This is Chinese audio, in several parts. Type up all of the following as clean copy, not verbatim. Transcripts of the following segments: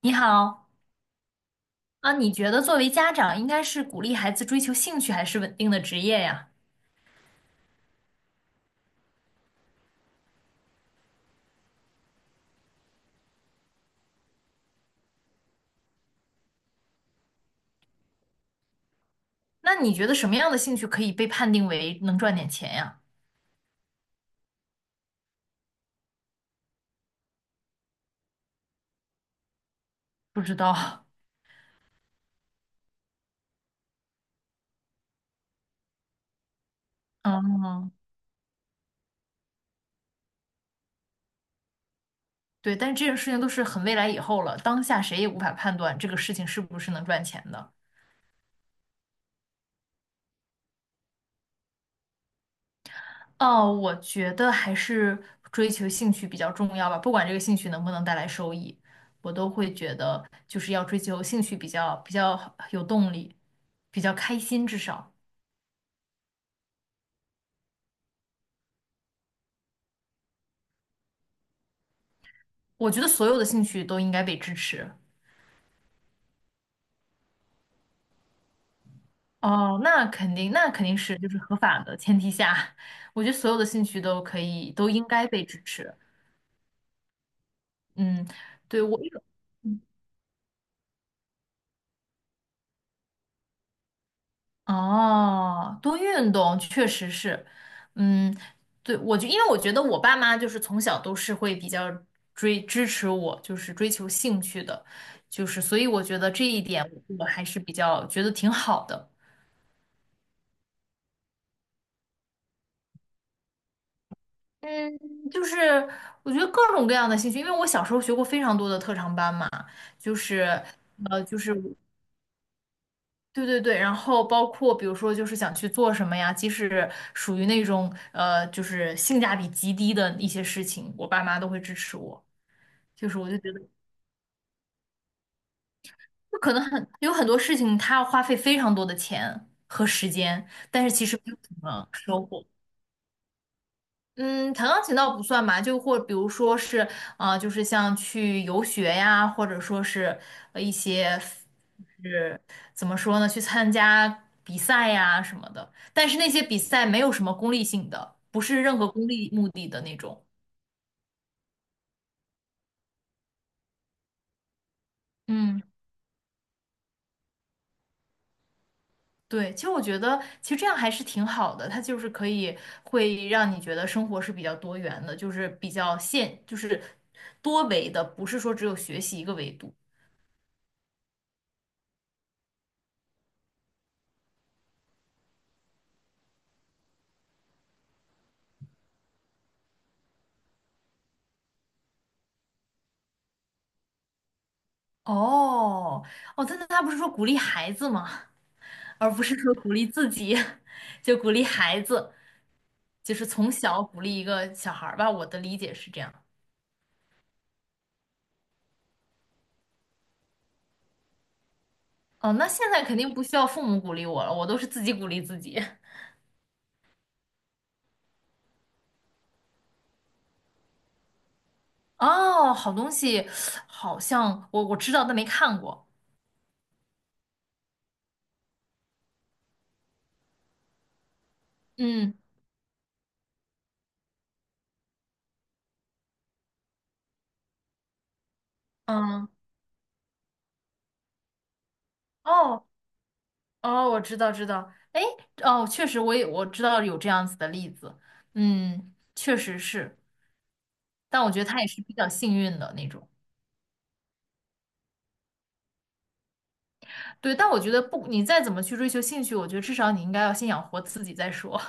你好，你觉得作为家长应该是鼓励孩子追求兴趣还是稳定的职业呀？那你觉得什么样的兴趣可以被判定为能赚点钱呀？不知道，嗯，对，但是这件事情都是很未来以后了，当下谁也无法判断这个事情是不是能赚钱的。哦，我觉得还是追求兴趣比较重要吧，不管这个兴趣能不能带来收益，我都会觉得就是要追求兴趣比较有动力，比较开心，至少。我觉得所有的兴趣都应该被支持。哦，那肯定，那肯定是就是合法的前提下，我觉得所有的兴趣都可以，都应该被支持。嗯，对，我一嗯哦，多运动确实是，嗯，对，我就因为我觉得我爸妈就是从小都是会比较追支持我，就是追求兴趣的，就是所以我觉得这一点我还是比较觉得挺好的。就是我觉得各种各样的兴趣，因为我小时候学过非常多的特长班嘛，就是就是对对对，然后包括比如说就是想去做什么呀，即使属于那种就是性价比极低的一些事情，我爸妈都会支持我，就是我就觉得就可能很有很多事情，他要花费非常多的钱和时间，但是其实没有什么收获。嗯，弹钢琴倒不算吧，就或比如说是，啊，就是像去游学呀，或者说是一些，就是怎么说呢，去参加比赛呀什么的。但是那些比赛没有什么功利性的，不是任何功利目的的那种。嗯，对，其实我觉得其实这样还是挺好的，它就是可以会让你觉得生活是比较多元的，就是比较现，就是多维的，不是说只有学习一个维度。哦，哦，真的，他不是说鼓励孩子吗？而不是说鼓励自己，就鼓励孩子，就是从小鼓励一个小孩儿吧。我的理解是这样。哦，那现在肯定不需要父母鼓励我了，我都是自己鼓励自己。哦，好东西，好像我知道，但没看过。嗯嗯，哦哦，我知道知道。哎，哦，确实我也我知道有这样子的例子。嗯，确实是，但我觉得他也是比较幸运的那种。对，但我觉得不，你再怎么去追求兴趣，我觉得至少你应该要先养活自己再说。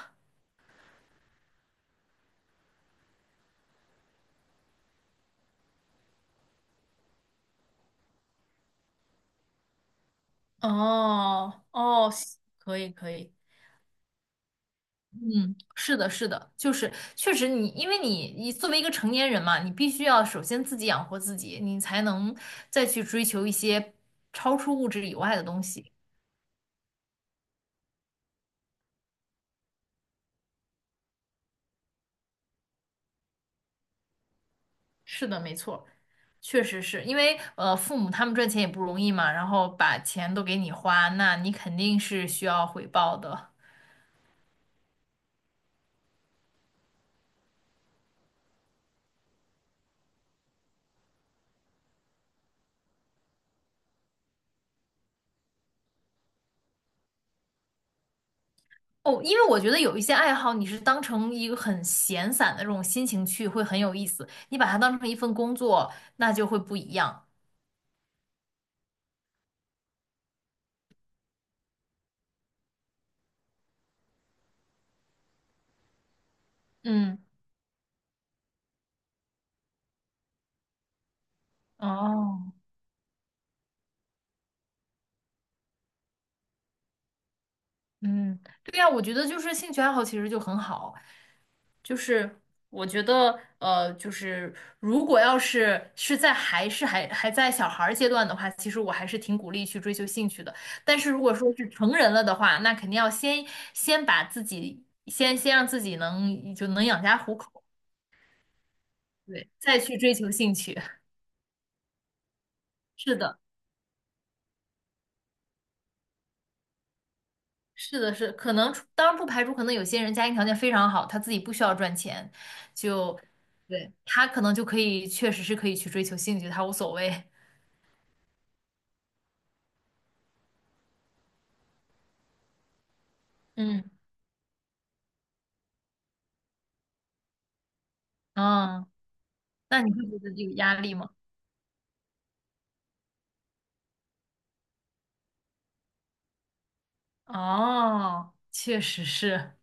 哦哦，行可以可以，嗯，是的，是的，就是确实你，因为你作为一个成年人嘛，你必须要首先自己养活自己，你才能再去追求一些超出物质以外的东西。是的，没错，确实是因为父母他们赚钱也不容易嘛，然后把钱都给你花，那你肯定是需要回报的。哦，因为我觉得有一些爱好，你是当成一个很闲散的这种心情去，会很有意思。你把它当成一份工作，那就会不一样。嗯，哦，嗯，对呀，我觉得就是兴趣爱好其实就很好，就是我觉得就是如果要是是在还是还还在小孩儿阶段的话，其实我还是挺鼓励去追求兴趣的。但是如果说是成人了的话，那肯定要先先把自己先先让自己能就能养家糊口。对，再去追求兴趣。是的，是的，是，可能当然不排除，可能有些人家庭条件非常好，他自己不需要赚钱，就对他可能就可以，确实是可以去追求兴趣，他无所谓。嗯，嗯，那你会觉得有压力吗？哦，确实是，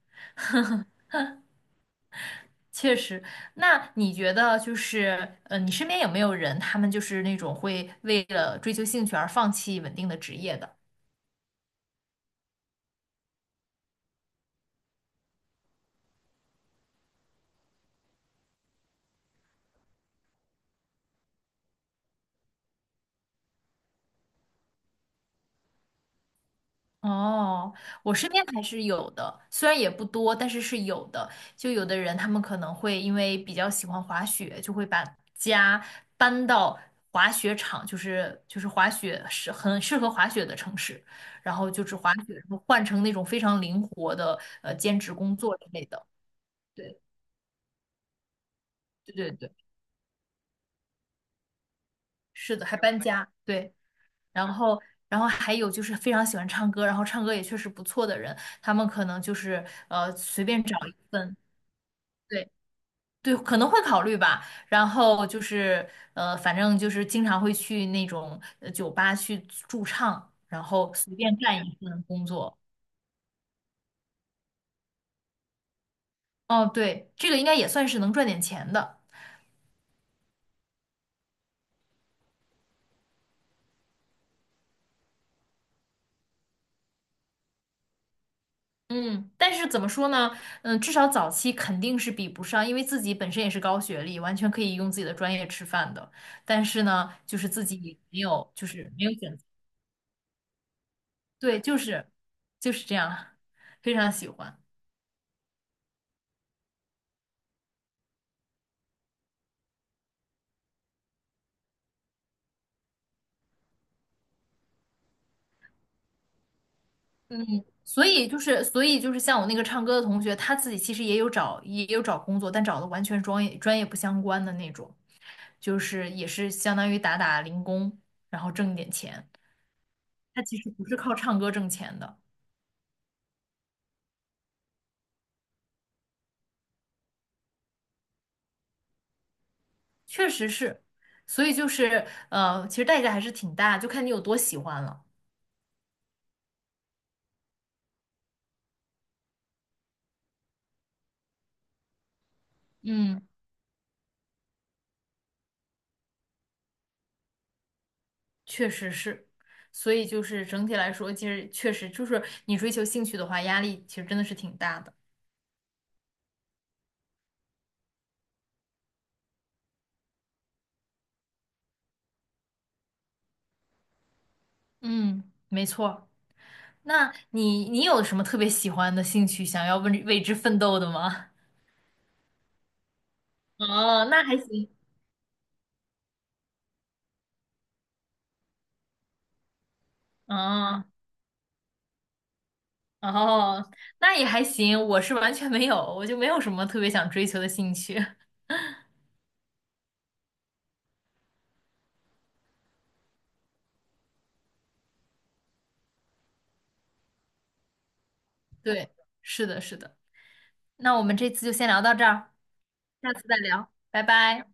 确实。那你觉得就是，你身边有没有人，他们就是那种会为了追求兴趣而放弃稳定的职业的？哦，我身边还是有的，虽然也不多，但是是有的。就有的人他们可能会因为比较喜欢滑雪，就会把家搬到滑雪场，就是就是滑雪是很适合滑雪的城市，然后就只滑雪，然后换成那种非常灵活的兼职工作之类的。对对对对，是的，还搬家。对，然后然后还有就是非常喜欢唱歌，然后唱歌也确实不错的人，他们可能就是随便找一份。对。对，可能会考虑吧。然后就是，反正就是经常会去那种酒吧去驻唱，然后随便干一份工作。哦，对，这个应该也算是能赚点钱的。嗯，但是怎么说呢？嗯，至少早期肯定是比不上，因为自己本身也是高学历，完全可以用自己的专业吃饭的。但是呢，就是自己没有，就是没有选择。对，就是这样，非常喜欢。嗯，所以就是，所以就是像我那个唱歌的同学，他自己其实也有找，也有找工作，但找的完全专业不相关的那种，就是也是相当于打打零工，然后挣一点钱。他其实不是靠唱歌挣钱的，确实是，所以就是其实代价还是挺大，就看你有多喜欢了。嗯，确实是，所以就是整体来说，其实确实就是你追求兴趣的话，压力其实真的是挺大的。嗯，没错。那你你有什么特别喜欢的兴趣，想要为之奋斗的吗？哦，那还行。哦哦，那也还行。我是完全没有，我就没有什么特别想追求的兴趣。对，是的，是的。那我们这次就先聊到这儿，下次再聊，拜拜。